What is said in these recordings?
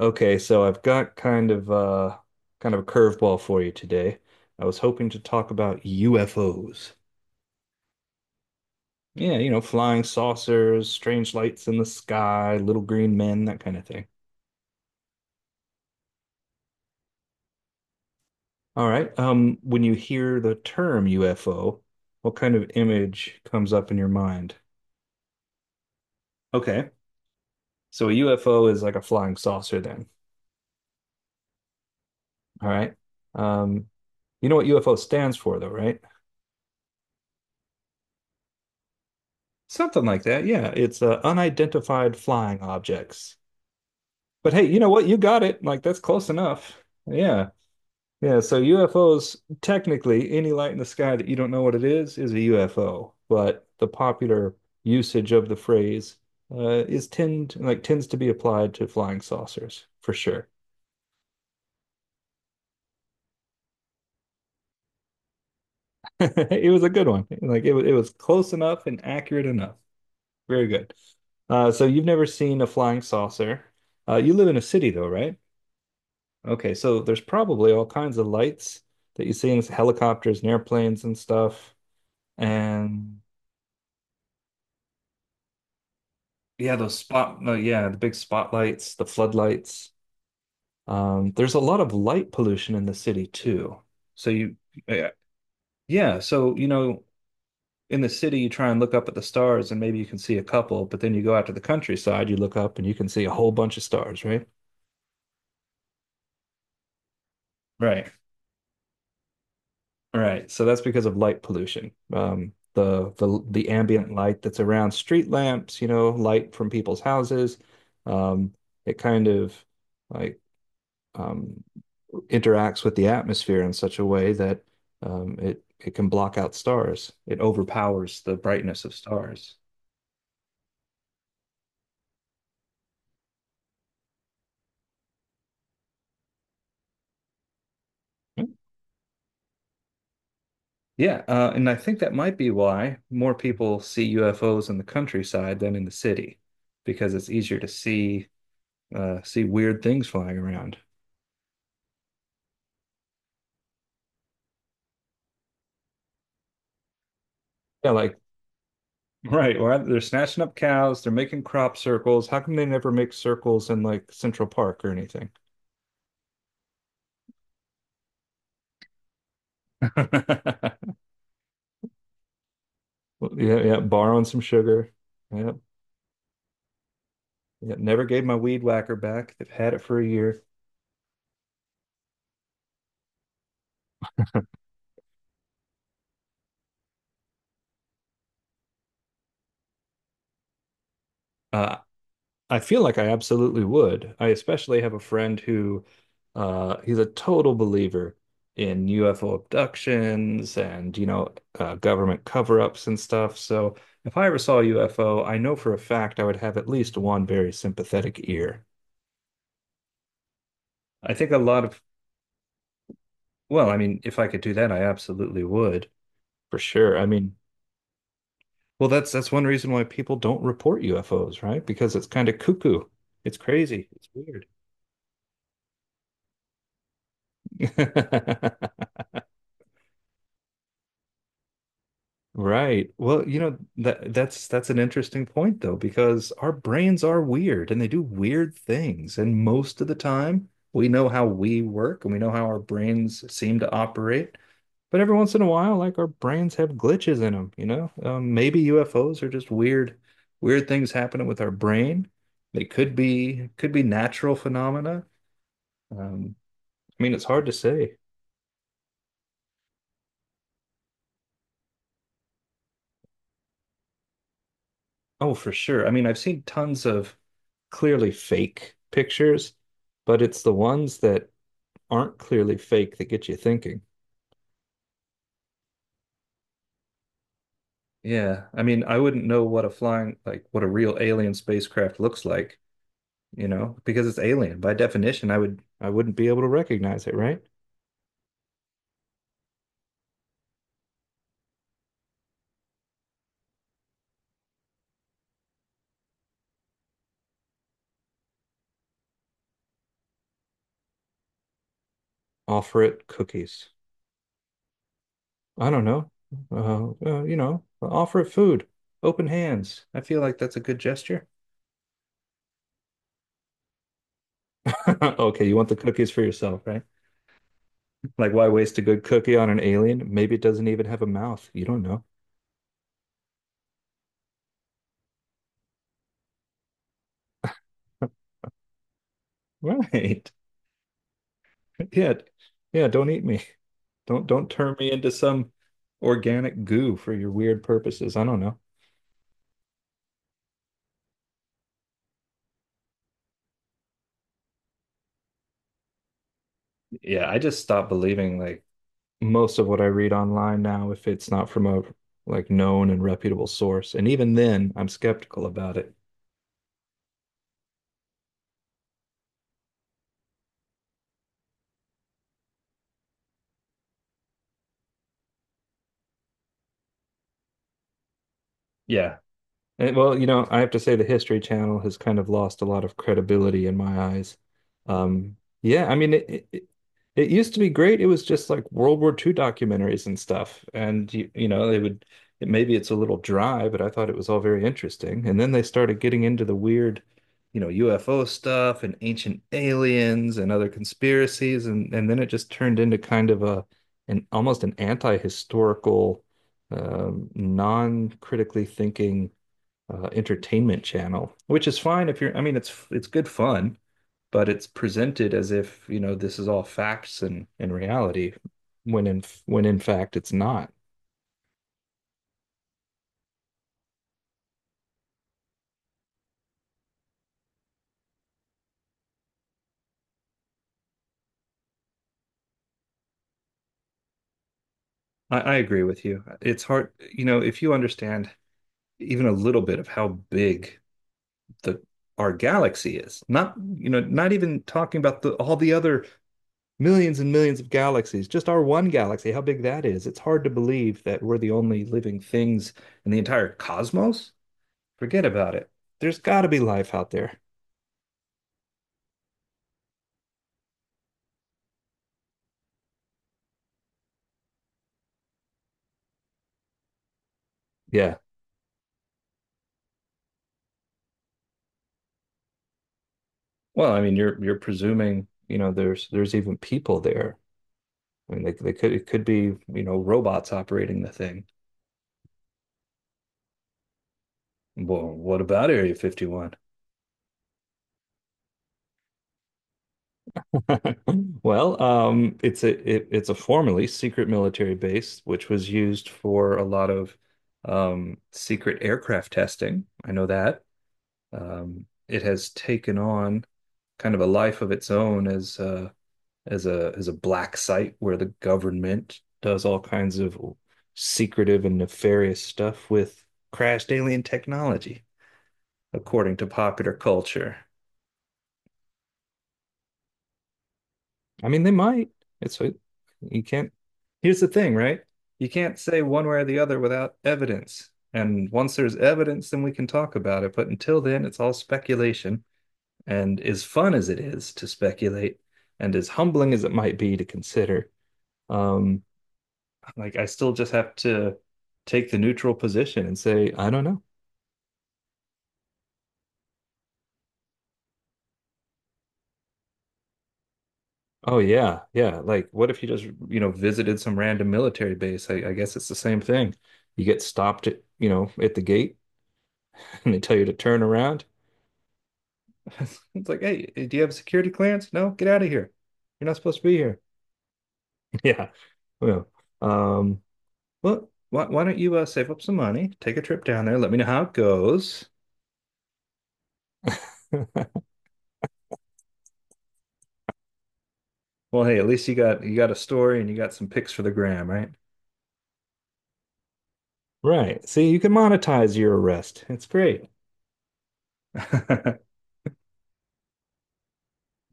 Okay, so I've got kind of a curveball for you today. I was hoping to talk about UFOs. Yeah, you know, flying saucers, strange lights in the sky, little green men, that kind of thing. All right. When you hear the term UFO, what kind of image comes up in your mind? Okay. So a UFO is like a flying saucer then. All right. Um, you know what UFO stands for though, right? Something like that. Yeah, it's unidentified flying objects. But hey, you know what? You got it. Like that's close enough. Yeah. Yeah. So UFOs, technically, any light in the sky that you don't know what it is a UFO. But the popular usage of the phrase is tend like tends to be applied to flying saucers for sure. It was a good one. Like it was close enough and accurate enough. Very good. So you've never seen a flying saucer. You live in a city though, right? Okay, so there's probably all kinds of lights that you see in helicopters and airplanes and stuff. And yeah, those spot, no, yeah, the big spotlights, the floodlights. There's a lot of light pollution in the city too. So you, yeah, yeah. So, you know, in the city, you try and look up at the stars and maybe you can see a couple, but then you go out to the countryside, you look up and you can see a whole bunch of stars, right? Right. All right, so that's because of light pollution. The ambient light that's around street lamps, you know, light from people's houses, um, it kind of like um, interacts with the atmosphere in such a way that it can block out stars. It overpowers the brightness of stars. Yeah, and I think that might be why more people see UFOs in the countryside than in the city, because it's easier to see see weird things flying around. Yeah, like right. Well, they're snatching up cows, they're making crop circles. How come they never make circles in like Central Park or anything? Yeah, yeah, borrowing some sugar. Yep. Yeah, never gave my weed whacker back. They've had it for a year. Uh, I feel like I absolutely would. I especially have a friend who he's a total believer in UFO abductions and, you know, government cover-ups and stuff. So if I ever saw a UFO, I know for a fact I would have at least one very sympathetic ear. I think a lot of, well, I mean, if I could do that, I absolutely would. For sure. I mean, well, that's one reason why people don't report UFOs, right? Because it's kind of cuckoo. It's crazy. It's weird. Right. Well, you know, that's an interesting point though, because our brains are weird and they do weird things. And most of the time, we know how we work and we know how our brains seem to operate. But every once in a while, like our brains have glitches in them, you know? Maybe UFOs are just weird, weird things happening with our brain. They could be natural phenomena. Um, I mean, it's hard to say. Oh, for sure. I mean, I've seen tons of clearly fake pictures, but it's the ones that aren't clearly fake that get you thinking. Yeah, I mean, I wouldn't know what a flying, like what a real alien spacecraft looks like, you know, because it's alien. By definition, I wouldn't be able to recognize it, right? Offer it cookies. I don't know. You know, offer it food. Open hands. I feel like that's a good gesture. Okay, you want the cookies for yourself, right? Like, why waste a good cookie on an alien? Maybe it doesn't even have a mouth. You don't know. Right. Yeah. Yeah, don't eat me. Don't turn me into some organic goo for your weird purposes. I don't know. Yeah, I just stopped believing like most of what I read online now, if it's not from a like known and reputable source, and even then, I'm skeptical about it. Yeah. Eh, well, you know, I have to say the History Channel has kind of lost a lot of credibility in my eyes. Um, yeah, I mean, it used to be great. It was just like World War Two documentaries and stuff, and you know they would. It, maybe it's a little dry, but I thought it was all very interesting. And then they started getting into the weird, you know, UFO stuff and ancient aliens and other conspiracies, and then it just turned into kind of a an almost an anti-historical, non-critically thinking entertainment channel, which is fine if you're, I mean, it's good fun, but it's presented as if, you know, this is all facts and reality, when in fact it's not. I agree with you. It's hard, you know, if you understand even a little bit of how big the our galaxy is, not, you know, not even talking about the all the other millions and millions of galaxies, just our one galaxy, how big that is. It's hard to believe that we're the only living things in the entire cosmos. Forget about it. There's got to be life out there. Yeah. Well, I mean, you're presuming, you know, there's even people there. I mean, they could it could be, you know, robots operating the thing. Well, what about Area 51? Well, it's it's a formerly secret military base, which was used for a lot of secret aircraft testing. I know that. It has taken on kind of a life of its own as as a black site where the government does all kinds of secretive and nefarious stuff with crashed alien technology, according to popular culture. I mean, they might. It's you can't. Here's the thing, right? You can't say one way or the other without evidence. And once there's evidence, then we can talk about it. But until then, it's all speculation. And as fun as it is to speculate, and as humbling as it might be to consider, um, like I still just have to take the neutral position and say, I don't know. Oh yeah, yeah. Like what if you just, you know, visited some random military base? I guess it's the same thing. You get stopped at, you know, at the gate and they tell you to turn around. It's like, hey, do you have a security clearance? No, get out of here. You're not supposed to be here. Yeah. Well, um, well, why don't you save up some money, take a trip down there, let me know how it goes. Well, hey, at least you got a story and you got some pics for the gram, right? Right. See, you can monetize your arrest. It's great.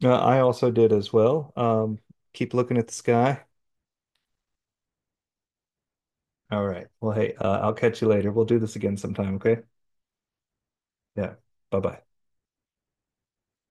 I also did as well. Keep looking at the sky. All right. Well, hey, I'll catch you later. We'll do this again sometime, okay? Yeah. Bye-bye.